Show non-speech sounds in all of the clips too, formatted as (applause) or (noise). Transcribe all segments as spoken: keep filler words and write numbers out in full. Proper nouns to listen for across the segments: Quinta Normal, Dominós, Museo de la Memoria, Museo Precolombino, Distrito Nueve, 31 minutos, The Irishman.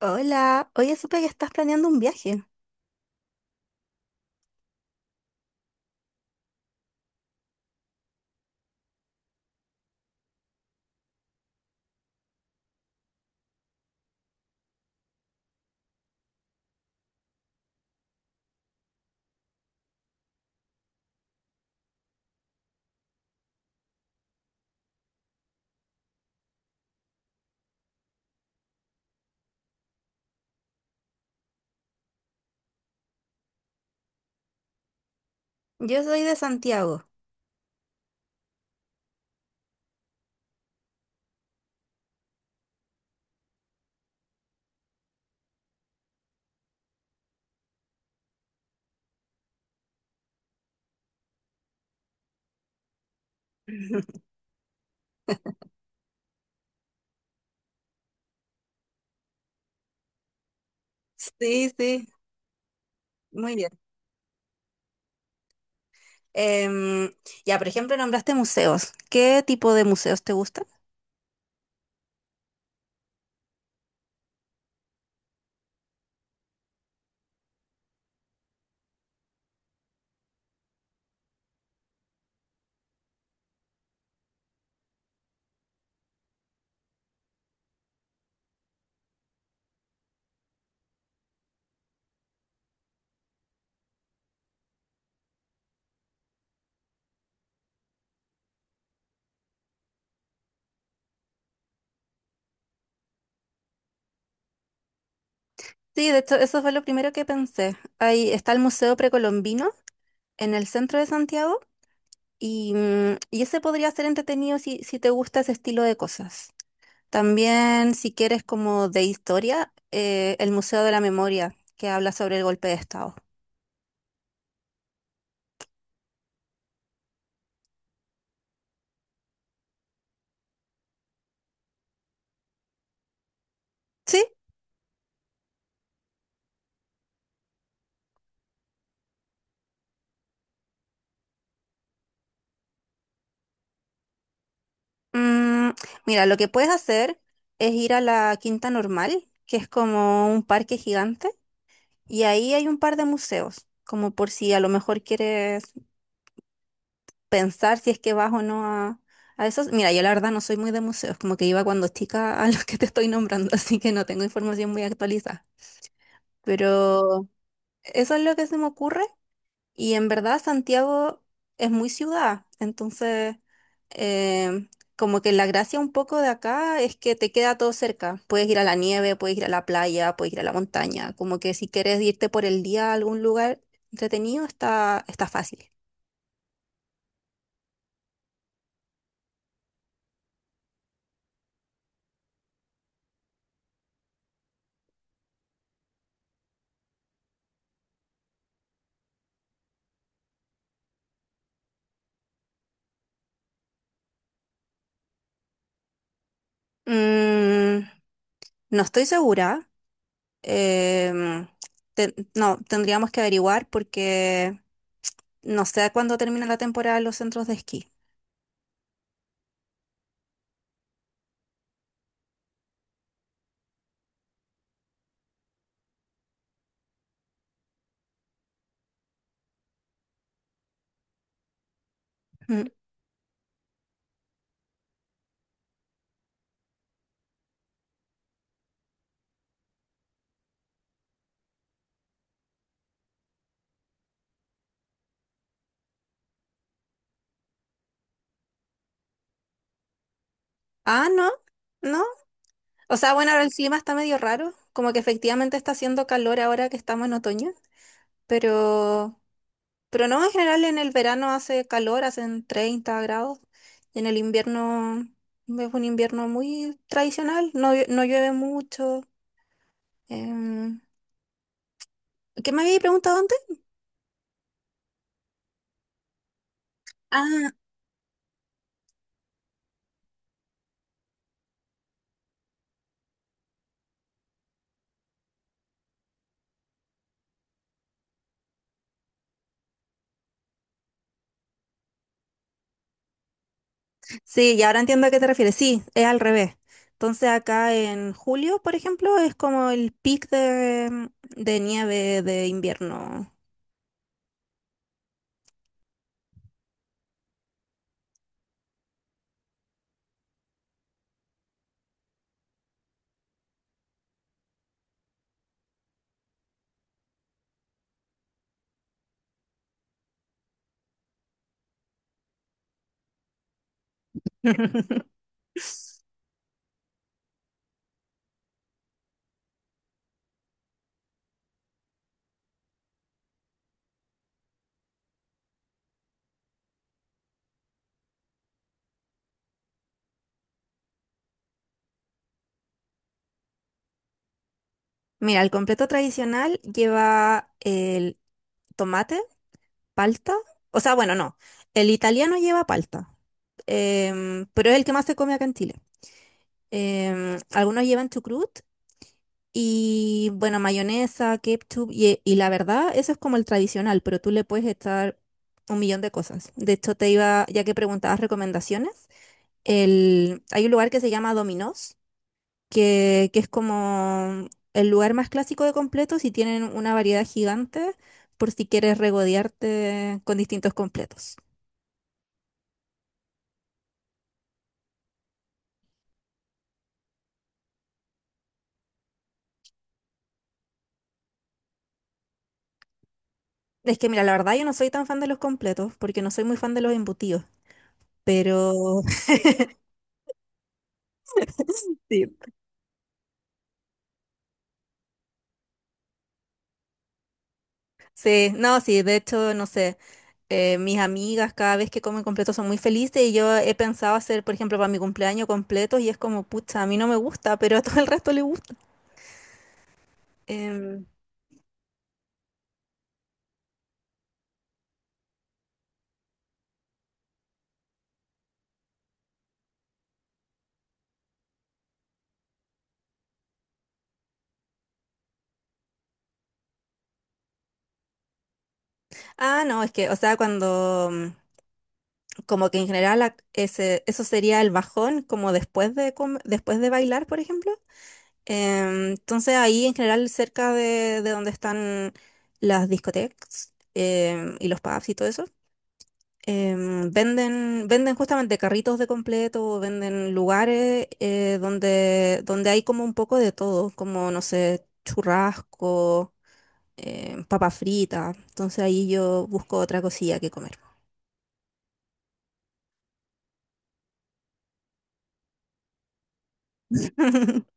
Hola, oye, supe que estás planeando un viaje. Yo soy de Santiago. (laughs) Sí, sí, muy bien. Em, ya, por ejemplo, nombraste museos. ¿Qué tipo de museos te gustan? Sí, de hecho, eso fue lo primero que pensé. Ahí está el Museo Precolombino en el centro de Santiago y, mm, y ese podría ser entretenido si, si te gusta ese estilo de cosas. También, si quieres como de historia, eh, el Museo de la Memoria, que habla sobre el golpe de Estado. Sí, mm, mira, lo que puedes hacer es ir a la Quinta Normal, que es como un parque gigante, y ahí hay un par de museos, como por si a lo mejor quieres pensar si es que vas o no a, a esos. Mira, yo la verdad no soy muy de museos, como que iba cuando chica a (laughs) los que te estoy nombrando, (laughs) así que no tengo información muy actualizada. Pero eso es lo que se me ocurre. Y en verdad Santiago es muy ciudad, entonces em, como que la gracia un poco de acá es que te queda todo cerca. Puedes ir a la nieve, puedes ir a la playa, puedes ir a la montaña. Como que si quieres irte por el día a algún lugar entretenido, está, está fácil. Mm, no estoy segura. em, te- no, tendríamos que averiguar porque no sé cuándo termina la temporada en los centros de esquí. Mm. Ah, no, no. O sea, bueno, ahora el clima está medio raro, como que efectivamente está haciendo calor ahora que estamos en otoño, pero, pero no, en general en el verano hace calor, hacen treinta grados, y en el invierno es un invierno muy tradicional, no, llue- no llueve mucho. em, ¿Qué me había preguntado antes? Ah, sí, y ahora entiendo a qué te refieres. Sí, es al revés. Entonces acá en julio, por ejemplo, es como el pic de, de nieve de invierno. Mira, el completo tradicional lleva el tomate, palta. O sea, bueno, no. El italiano lleva palta, em, pero es el que más se come acá en Chile. Em, algunos llevan chucrut y, bueno, mayonesa, ketchup. Y, y la verdad, eso es como el tradicional, pero tú le puedes echar un millón de cosas. De hecho, te iba, ya que preguntabas recomendaciones, el, hay un lugar que se llama Dominós que, que es como el lugar más clásico de completos y tienen una variedad gigante por si quieres regodearte con distintos completos. Es que mira, la verdad yo no soy tan fan de los completos porque no soy muy fan de los embutidos, pero (laughs) sí, sí, no, sí, de hecho, no sé, eh, mis amigas cada vez que comen completos son muy felices y yo he pensado hacer, por ejemplo, para mi cumpleaños completos y es como, pucha, a mí no me gusta, pero a todo el resto le gusta. Em, ah, no, es que, o sea, cuando, como que en general la- ese, eso sería el bajón, como después de, com- después de bailar, por ejemplo. Em, entonces ahí en general cerca de, de donde están las discotecas, em, y los pubs y todo eso, em, venden, venden justamente carritos de completo, venden lugares, eh, donde, donde hay como un poco de todo, como no sé, churrasco, em, papa frita. Entonces ahí yo busco otra cosilla que comer. (laughs)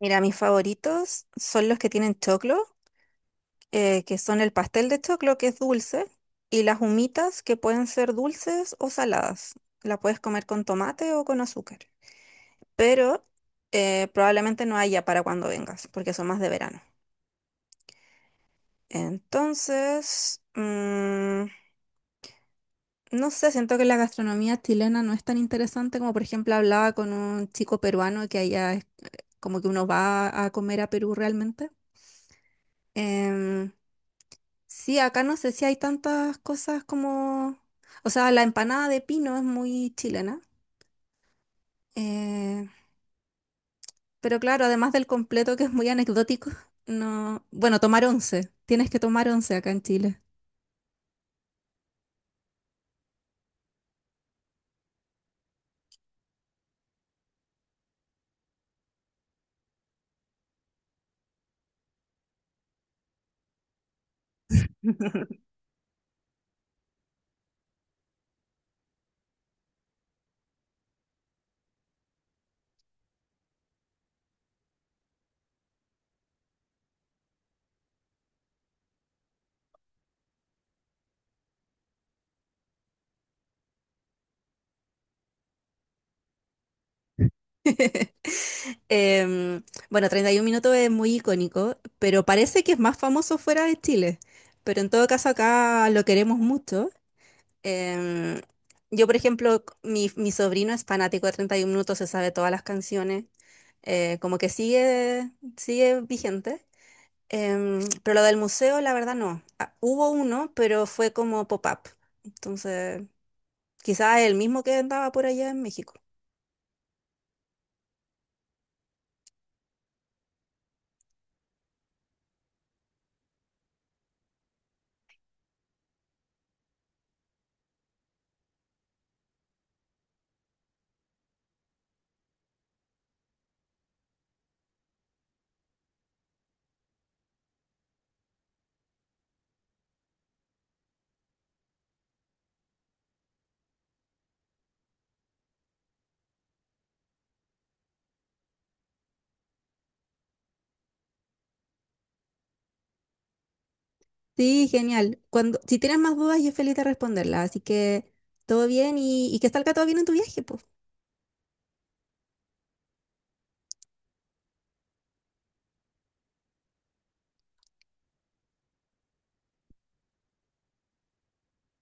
Mira, mis favoritos son los que tienen choclo, eh, que son el pastel de choclo, que es dulce, y las humitas, que pueden ser dulces o saladas. La puedes comer con tomate o con azúcar, pero eh, probablemente no haya para cuando vengas, porque son más de verano. Entonces, mm, no sé, siento que la gastronomía chilena no es tan interesante como, por ejemplo, hablaba con un chico peruano que allá es como que uno va a comer a Perú realmente. Em, Sí, acá no sé si hay tantas cosas como... O sea, la empanada de pino es muy chilena, eh, pero claro, además del completo que es muy anecdótico, no... Bueno, tomar once. Tienes que tomar once acá en Chile. Em, bueno, treinta y uno minutos es muy icónico, pero parece que es más famoso fuera de Chile. Pero en todo caso acá lo queremos mucho. Em, yo, por ejemplo, c- mi, mi sobrino es fanático de treinta y uno minutos, se sabe todas las canciones. Eh, como que sigue, sigue vigente. Em, pero lo del museo, la verdad, no. Ah, hubo uno, pero fue como pop-up. Entonces, quizás el mismo que andaba por allá en México. Sí, genial. Cuando, si tienes más dudas, yo feliz de responderlas. Así que todo bien y, y que salga todo bien en tu viaje, pues.